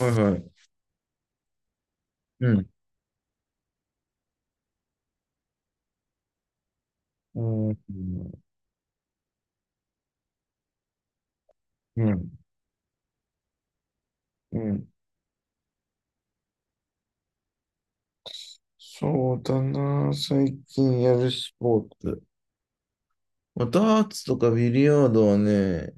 はいはい。うん。うん。うん。うん。そうだな。最近やるスポーツ。まあ、ダーツとかビリヤードはね、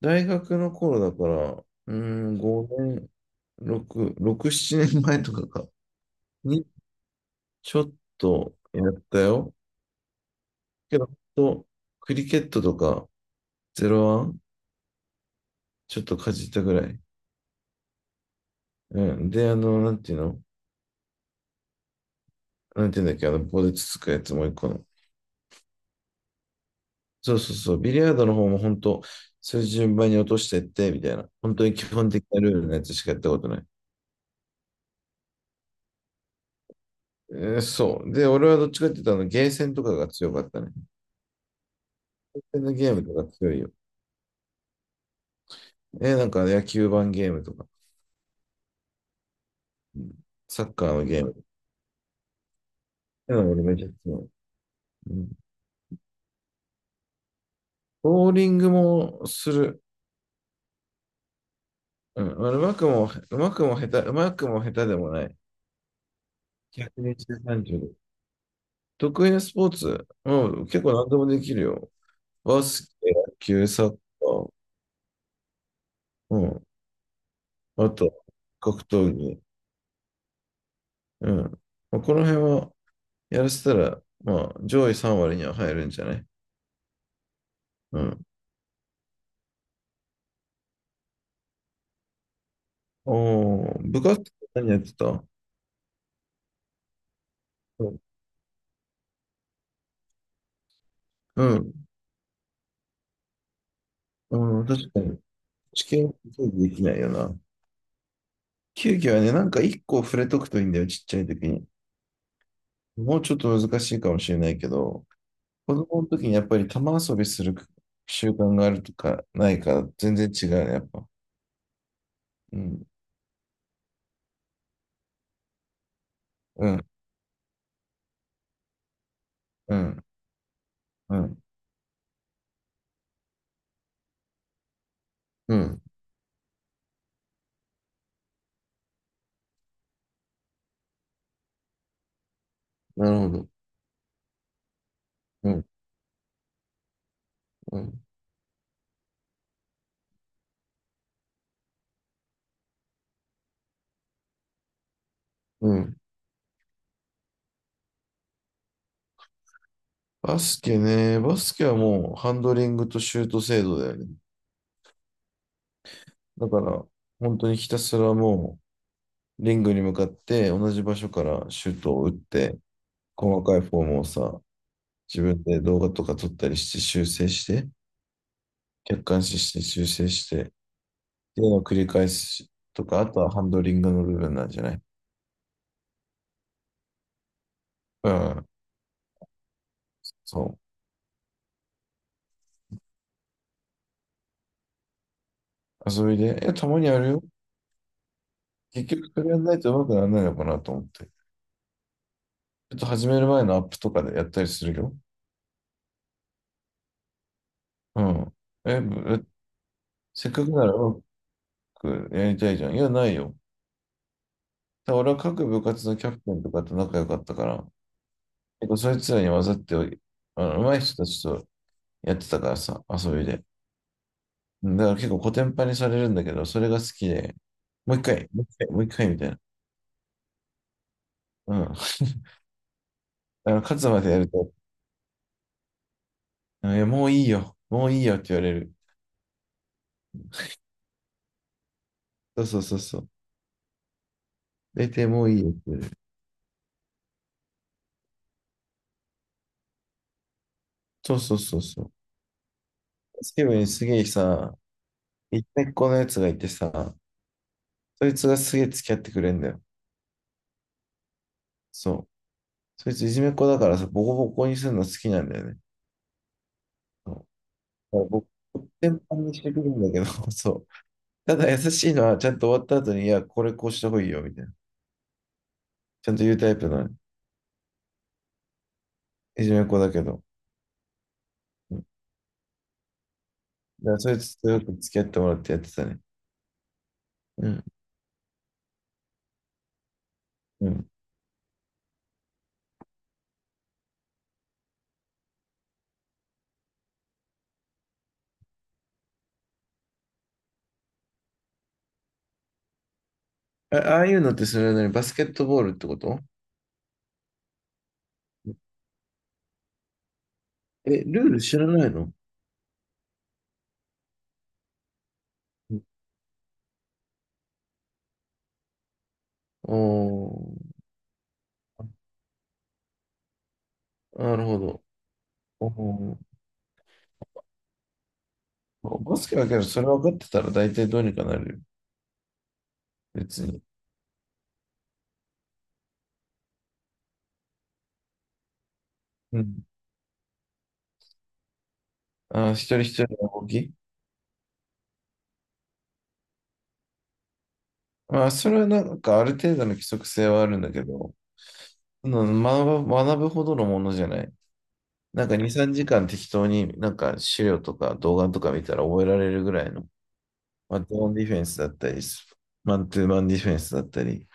大学の頃だから、うん、5年、6、6、7年前とかか、にちょっとやったよ。けど、ほんとクリケットとか、ゼロワン、ちょっとかじったぐらい。うん。で、なんていうんだっけ、棒でつつくやつもう一個の。そうそうそう、ビリヤードの方も本当、そういう順番に落としてって、みたいな。本当に基本的なルールのやつしかやったことない。そう。で、俺はどっちかって言ったら、あのゲーセンとかが強かったね。ゲーセンのゲームとか強いよ。なんか野球盤ゲームとか、うん、サッカーのゲーム。俺めっちゃ強い。うん、ボーリングもする。うん、うまくも下手でもない。120、30。得意なスポーツ、うん、結構何でもできるよ。バスケ、野球、サッカー、うん。あと、格闘技。うん。まあこの辺はやらせたら、まあ、上位3割には入るんじゃない？うん。おー、部活何やってた？うん。うん、確かに。試験競技できないよな。球技はね、なんか1個触れとくといいんだよ、ちっちゃい時に。もうちょっと難しいかもしれないけど、子供の時にやっぱり玉遊びする習慣があるとかないから、全然違うね、やっぱ。うん、うん、うん、うん、うん。なるほど。うん、うん、うん。バスケね、バスケはもうハンドリングとシュート精度だよね。だから、本当にひたすらもう、リングに向かって同じ場所からシュートを打って、細かいフォームをさ、自分で動画とか撮ったりして修正して、客観視して修正して、っていうのを繰り返すとか、あとはハンドリングの部分なんじゃない？うん、そう。遊びで、いや、たまにやるよ。結局、それやんないと上手くならないのかなと思って。ちょっと始める前のアップとかでやったりするよ。うん。え、せっかくならうまくやりたいじゃん。いや、ないよ。ただ俺は各部活のキャプテンとかと仲良かったから、結構そいつらに混ざって、上手い人たちとやってたからさ、遊びで。うん。だから結構コテンパンにされるんだけど、それが好きで、もう一回、もう一回、もう一回みたいな。うん。勝つまでやると、うん、いや、もういいよ、もういいよって言われる。そうそうそうそう。出てもういいよって言われる。そうそうそうそう。スケブにすげえさ、一回このやつがいてさ、そいつがすげえ付き合ってくれんだよ。そう。そいついじめっ子だからさ、ボコボコにするの好きなんだよね。そう。だから僕、全般にしてくるんだけど、そう。ただ優しいのは、ちゃんと終わった後に、いや、これこうした方がいいよ、みたいな。ちゃんと言うタイプの。いじめっ子だけど。うん。だからそいつとよく付き合ってもらってやってたね。うん。うん。あ、ああいうのってそれなりにバスケットボールってこと？え、ルール知らないの？うん。おー、なるほど。おー、バスケだけど、それ分かってたら大体どうにかなるよ。別に。うん。あー、一人一人の動き？まあ、それはなんかある程度の規則性はあるんだけど、うん。学ぶほどのものじゃない。なんか2、3時間適当になんか資料とか動画とか見たら覚えられるぐらいの、マットオンディフェンスだったり、マントゥーマンディフェンスだったり、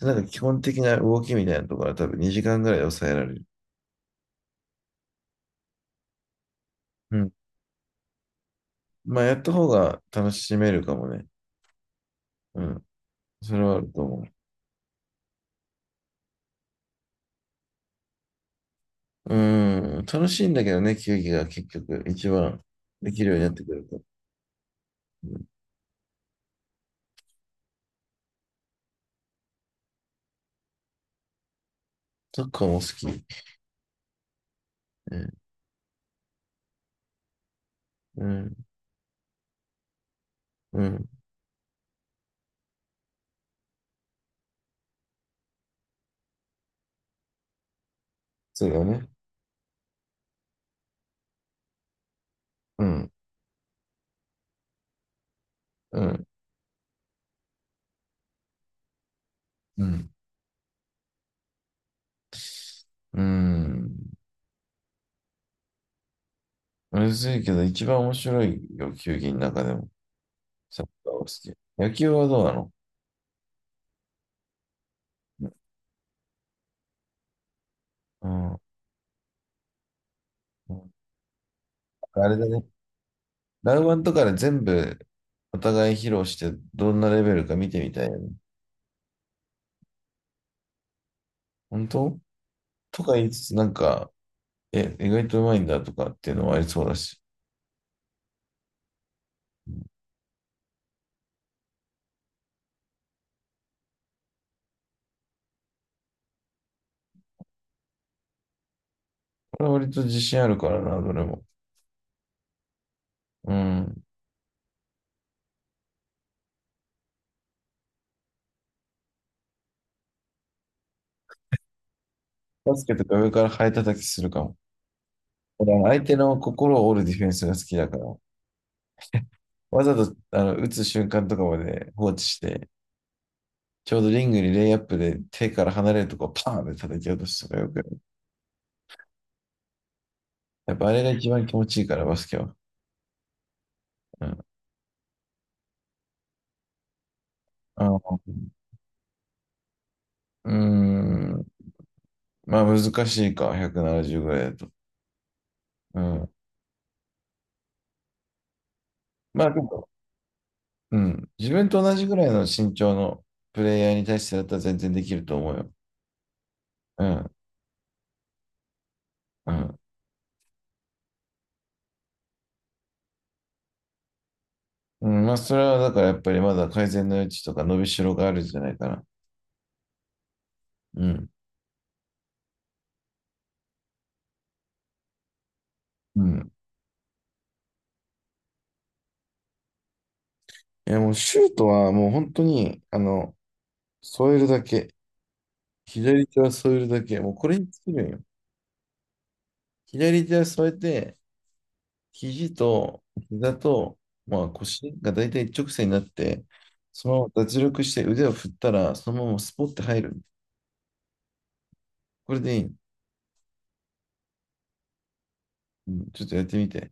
なんか基本的な動きみたいなところは多分2時間ぐらいで抑えられる。うん。まあ、やった方が楽しめるかもね。うん。それはあると思う。うん。楽しいんだけどね、球技が結局一番できるようになってくると。うん。サッカーも好き。うん、うん、うん、そうだよね。うん、うん、うん、うん。うるせえけど、一番面白いよ、球技の中でも。サッカーは好き。野球はどうなの？うん。うん、あれだね。ラウワンとかで全部お互い披露して、どんなレベルか見てみたいよね。本当？とか言いつつ、なんか、え、意外とうまいんだとかっていうのはありそうだし。これは割と自信あるからな、どれも。うん。バスケとか上からハエ叩きするかも。俺は相手の心を折るディフェンスが好きだから。わざと、打つ瞬間とかまで放置して、ちょうどリングにレイアップで手から離れるとこをパーンって叩き落とすとかよくやる。やっぱあれが一番気持ちいいから、バスケは。うん。あのうーん。まあ難しいか、170ぐらいだと。うん。まあでも、うん。自分と同じぐらいの身長のプレイヤーに対してだったら全然できると思うよ。うん。うん。うん、まあそれはだからやっぱりまだ改善の余地とか伸びしろがあるんじゃないかな。うん。うん。いや、もうシュートはもう本当に、添えるだけ。左手は添えるだけ。もうこれに尽きるんよ。左手は添えて、肘と膝と、まあ腰が大体一直線になって、そのまま脱力して腕を振ったら、そのままスポッて入る。これでいい。うん、ちょっとやってみて。